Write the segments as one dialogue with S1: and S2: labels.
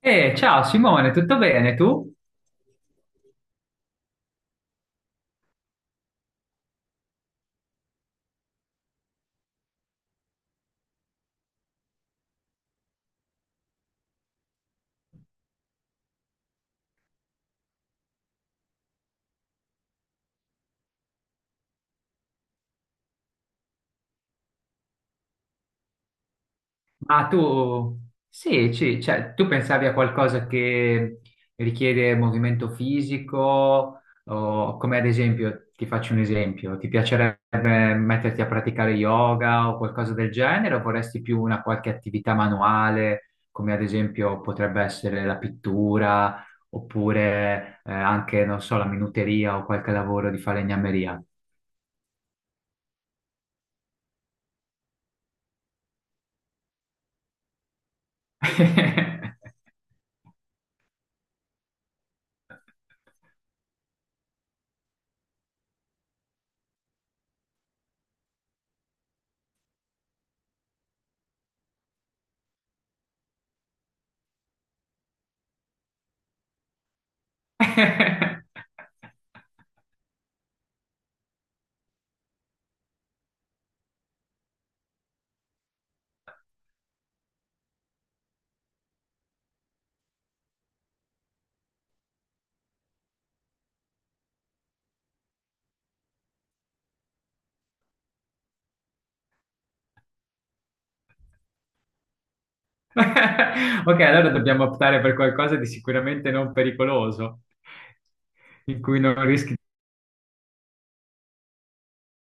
S1: Ciao Simone, tutto bene tu? Ma tu, sì, cioè, tu pensavi a qualcosa che richiede movimento fisico, o come ad esempio, ti faccio un esempio, ti piacerebbe metterti a praticare yoga o qualcosa del genere, o vorresti più una qualche attività manuale, come ad esempio potrebbe essere la pittura, oppure anche, non so, la minuteria o qualche lavoro di falegnameria? Ok, allora dobbiamo optare per qualcosa di sicuramente non pericoloso, in cui non rischi.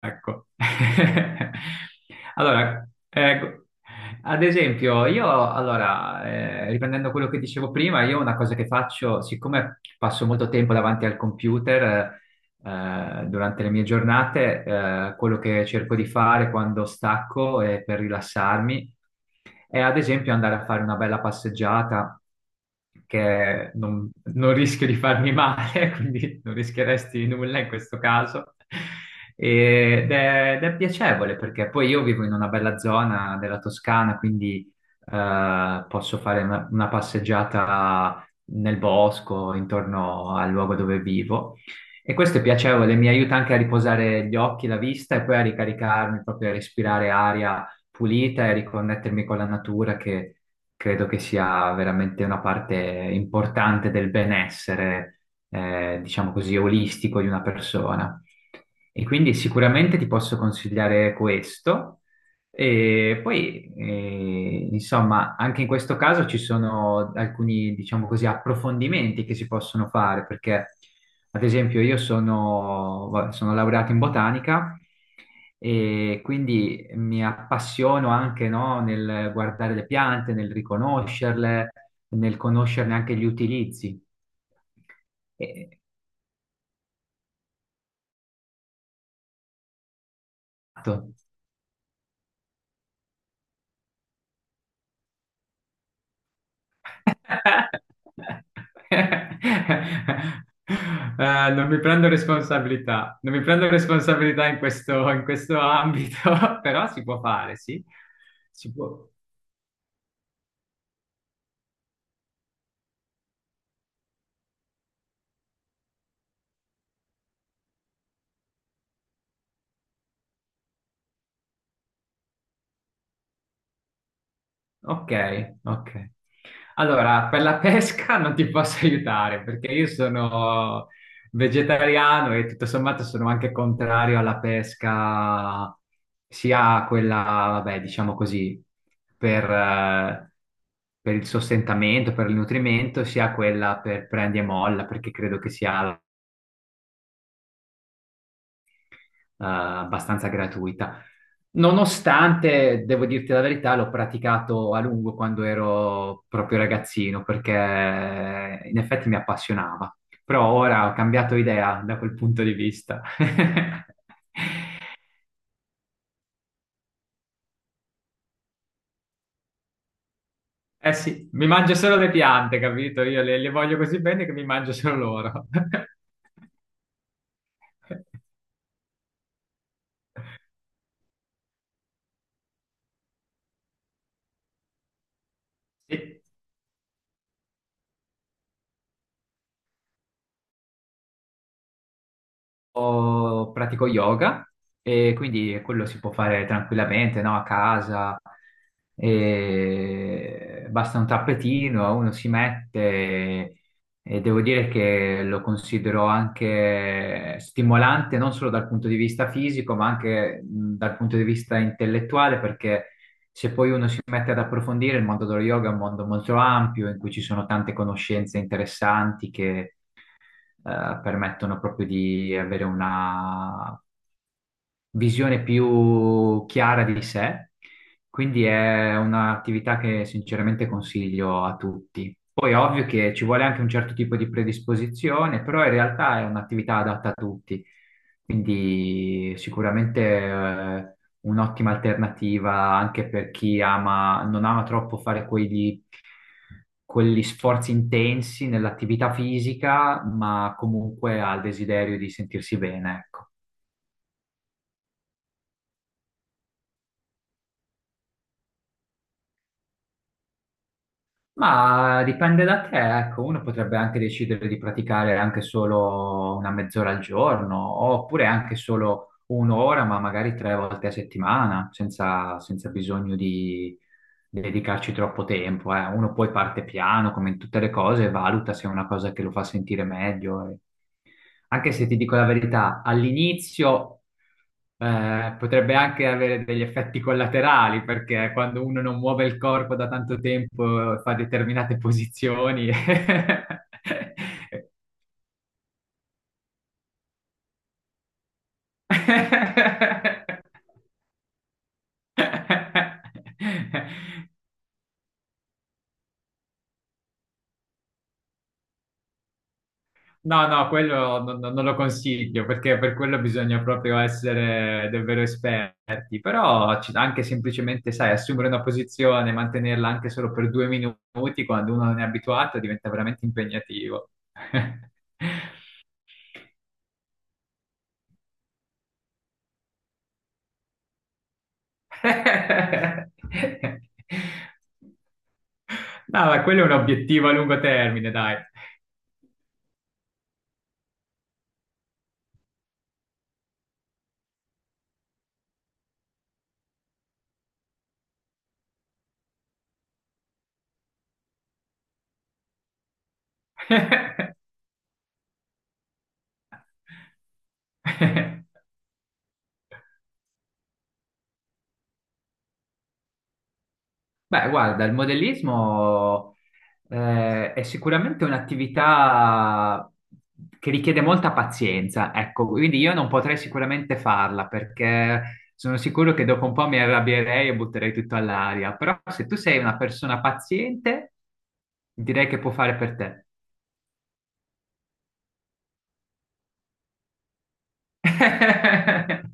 S1: Ecco. Allora, ecco, ad esempio, io, allora, riprendendo quello che dicevo prima, io una cosa che faccio, siccome passo molto tempo davanti al computer, durante le mie giornate, quello che cerco di fare quando stacco e per rilassarmi è ad esempio andare a fare una bella passeggiata che non rischio di farmi male, quindi non rischieresti nulla in questo caso. Ed è piacevole perché poi io vivo in una bella zona della Toscana, quindi posso fare una passeggiata nel bosco, intorno al luogo dove vivo. E questo è piacevole, mi aiuta anche a riposare gli occhi, la vista e poi a ricaricarmi, proprio a respirare aria pulita e a riconnettermi con la natura, che credo che sia veramente una parte importante del benessere, diciamo così, olistico di una persona. E quindi sicuramente ti posso consigliare questo. E poi, insomma, anche in questo caso ci sono alcuni, diciamo così, approfondimenti che si possono fare, perché, ad esempio, sono laureato in botanica e quindi mi appassiono anche, no, nel guardare le piante, nel riconoscerle, nel conoscerne anche gli utilizzi. E- esatto. Non mi prendo responsabilità, non mi prendo responsabilità in questo ambito, però si può fare, sì. Si può. Ok, ok. Allora, per la pesca non ti posso aiutare perché io sono vegetariano e tutto sommato sono anche contrario alla pesca, sia quella, vabbè, diciamo così, per, eh, per il sostentamento, per il nutrimento, sia quella per prendi e molla, perché credo che sia abbastanza gratuita. Nonostante, devo dirti la verità, l'ho praticato a lungo quando ero proprio ragazzino, perché in effetti mi appassionava. Però ora ho cambiato idea da quel punto di vista. Eh sì, mi mangio solo le piante, capito? Io le voglio così bene che mi mangio solo loro. Sì. Io pratico yoga e quindi quello si può fare tranquillamente, no? A casa. E basta un tappetino, uno si mette e devo dire che lo considero anche stimolante non solo dal punto di vista fisico, ma anche dal punto di vista intellettuale, perché se poi uno si mette ad approfondire, il mondo dello yoga è un mondo molto ampio in cui ci sono tante conoscenze interessanti che permettono proprio di avere una, visione più chiara di sé, quindi è un'attività che sinceramente consiglio a tutti. Poi è ovvio che ci vuole anche un certo tipo di predisposizione, però in realtà è un'attività adatta a tutti, quindi sicuramente un'ottima alternativa anche per chi ama, non ama troppo fare quegli sforzi intensi nell'attività fisica, ma comunque ha il desiderio di sentirsi bene, ecco. Ma dipende da te, ecco, uno potrebbe anche decidere di praticare anche solo una mezz'ora al giorno, oppure anche solo un'ora, ma magari tre volte a settimana, senza bisogno di dedicarci troppo tempo, eh. Uno poi parte piano, come in tutte le cose, e valuta se è una cosa che lo fa sentire meglio. Eh. Anche se ti dico la verità, all'inizio potrebbe anche avere degli effetti collaterali, perché quando uno non muove il corpo da tanto tempo, fa determinate posizioni. No, no, quello non lo consiglio perché per quello bisogna proprio essere davvero esperti, però anche semplicemente, sai, assumere una posizione, mantenerla anche solo per due minuti quando uno non è abituato diventa veramente impegnativo. No, ma quello è un obiettivo a lungo termine, dai. Beh, guarda, il modellismo è sicuramente un'attività che richiede molta pazienza, ecco, quindi io non potrei sicuramente farla perché sono sicuro che dopo un po' mi arrabbierei e butterei tutto all'aria, però se tu sei una persona paziente, direi che può fare per te.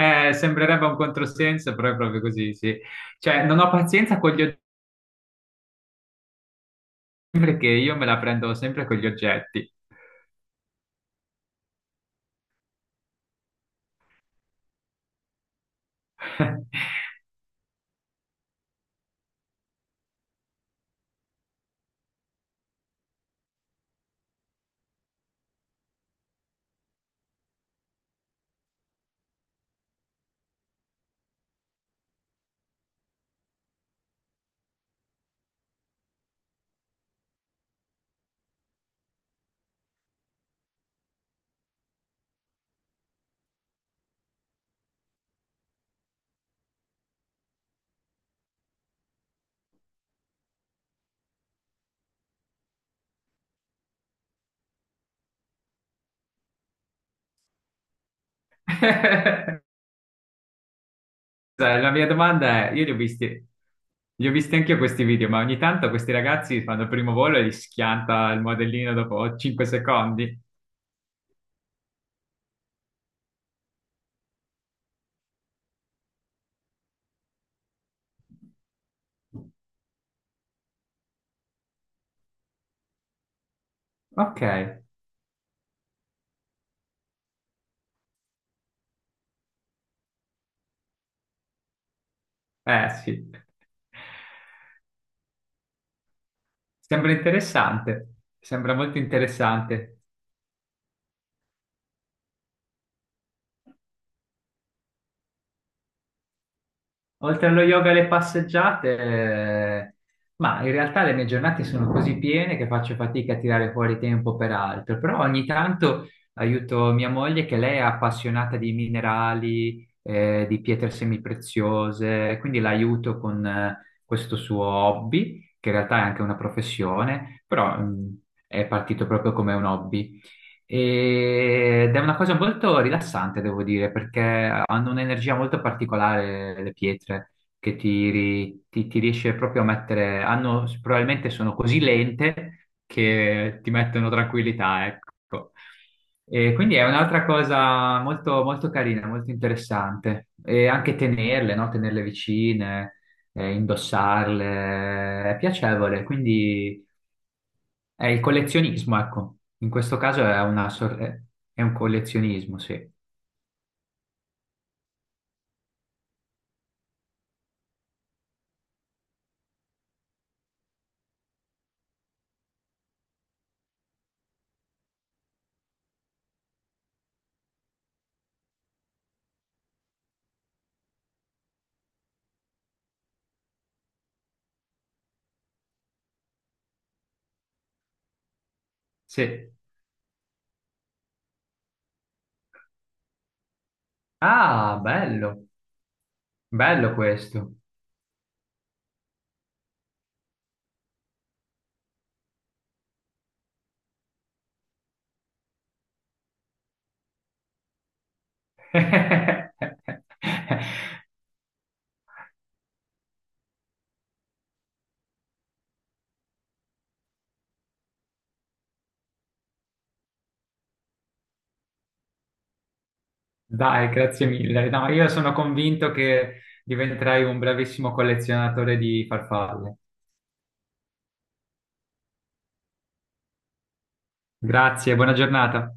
S1: Sembrerebbe un controsenso, però è proprio così, sì. Cioè, non ho pazienza con gli oggetti perché io me la prendo sempre con gli oggetti. Cioè, la mia domanda è, io li ho visti anche io questi video, ma ogni tanto questi ragazzi fanno il primo volo e gli schianta il modellino dopo 5 secondi. Ok, eh sì. Sembra interessante, sembra molto interessante. Oltre allo yoga e alle passeggiate, ma in realtà le mie giornate sono così piene che faccio fatica a tirare fuori tempo per altro, però ogni tanto aiuto mia moglie che lei è appassionata di minerali, di pietre semipreziose, quindi l'aiuto con questo suo hobby, che in realtà è anche una professione, però mm, è partito proprio come un hobby. Ed è una cosa molto rilassante, devo dire, perché hanno un'energia molto particolare le pietre che ti riesce proprio a mettere, hanno, probabilmente sono così lente che ti mettono tranquillità, ecco. E quindi è un'altra cosa molto, molto carina, molto interessante. E anche tenerle, no? Tenerle vicine, indossarle, è piacevole, quindi... È il collezionismo, ecco. In questo caso è una è un collezionismo, sì. Sì. Ah, bello. Bello questo. Dai, grazie mille. No, io sono convinto che diventerai un bravissimo collezionatore di farfalle. Grazie, buona giornata.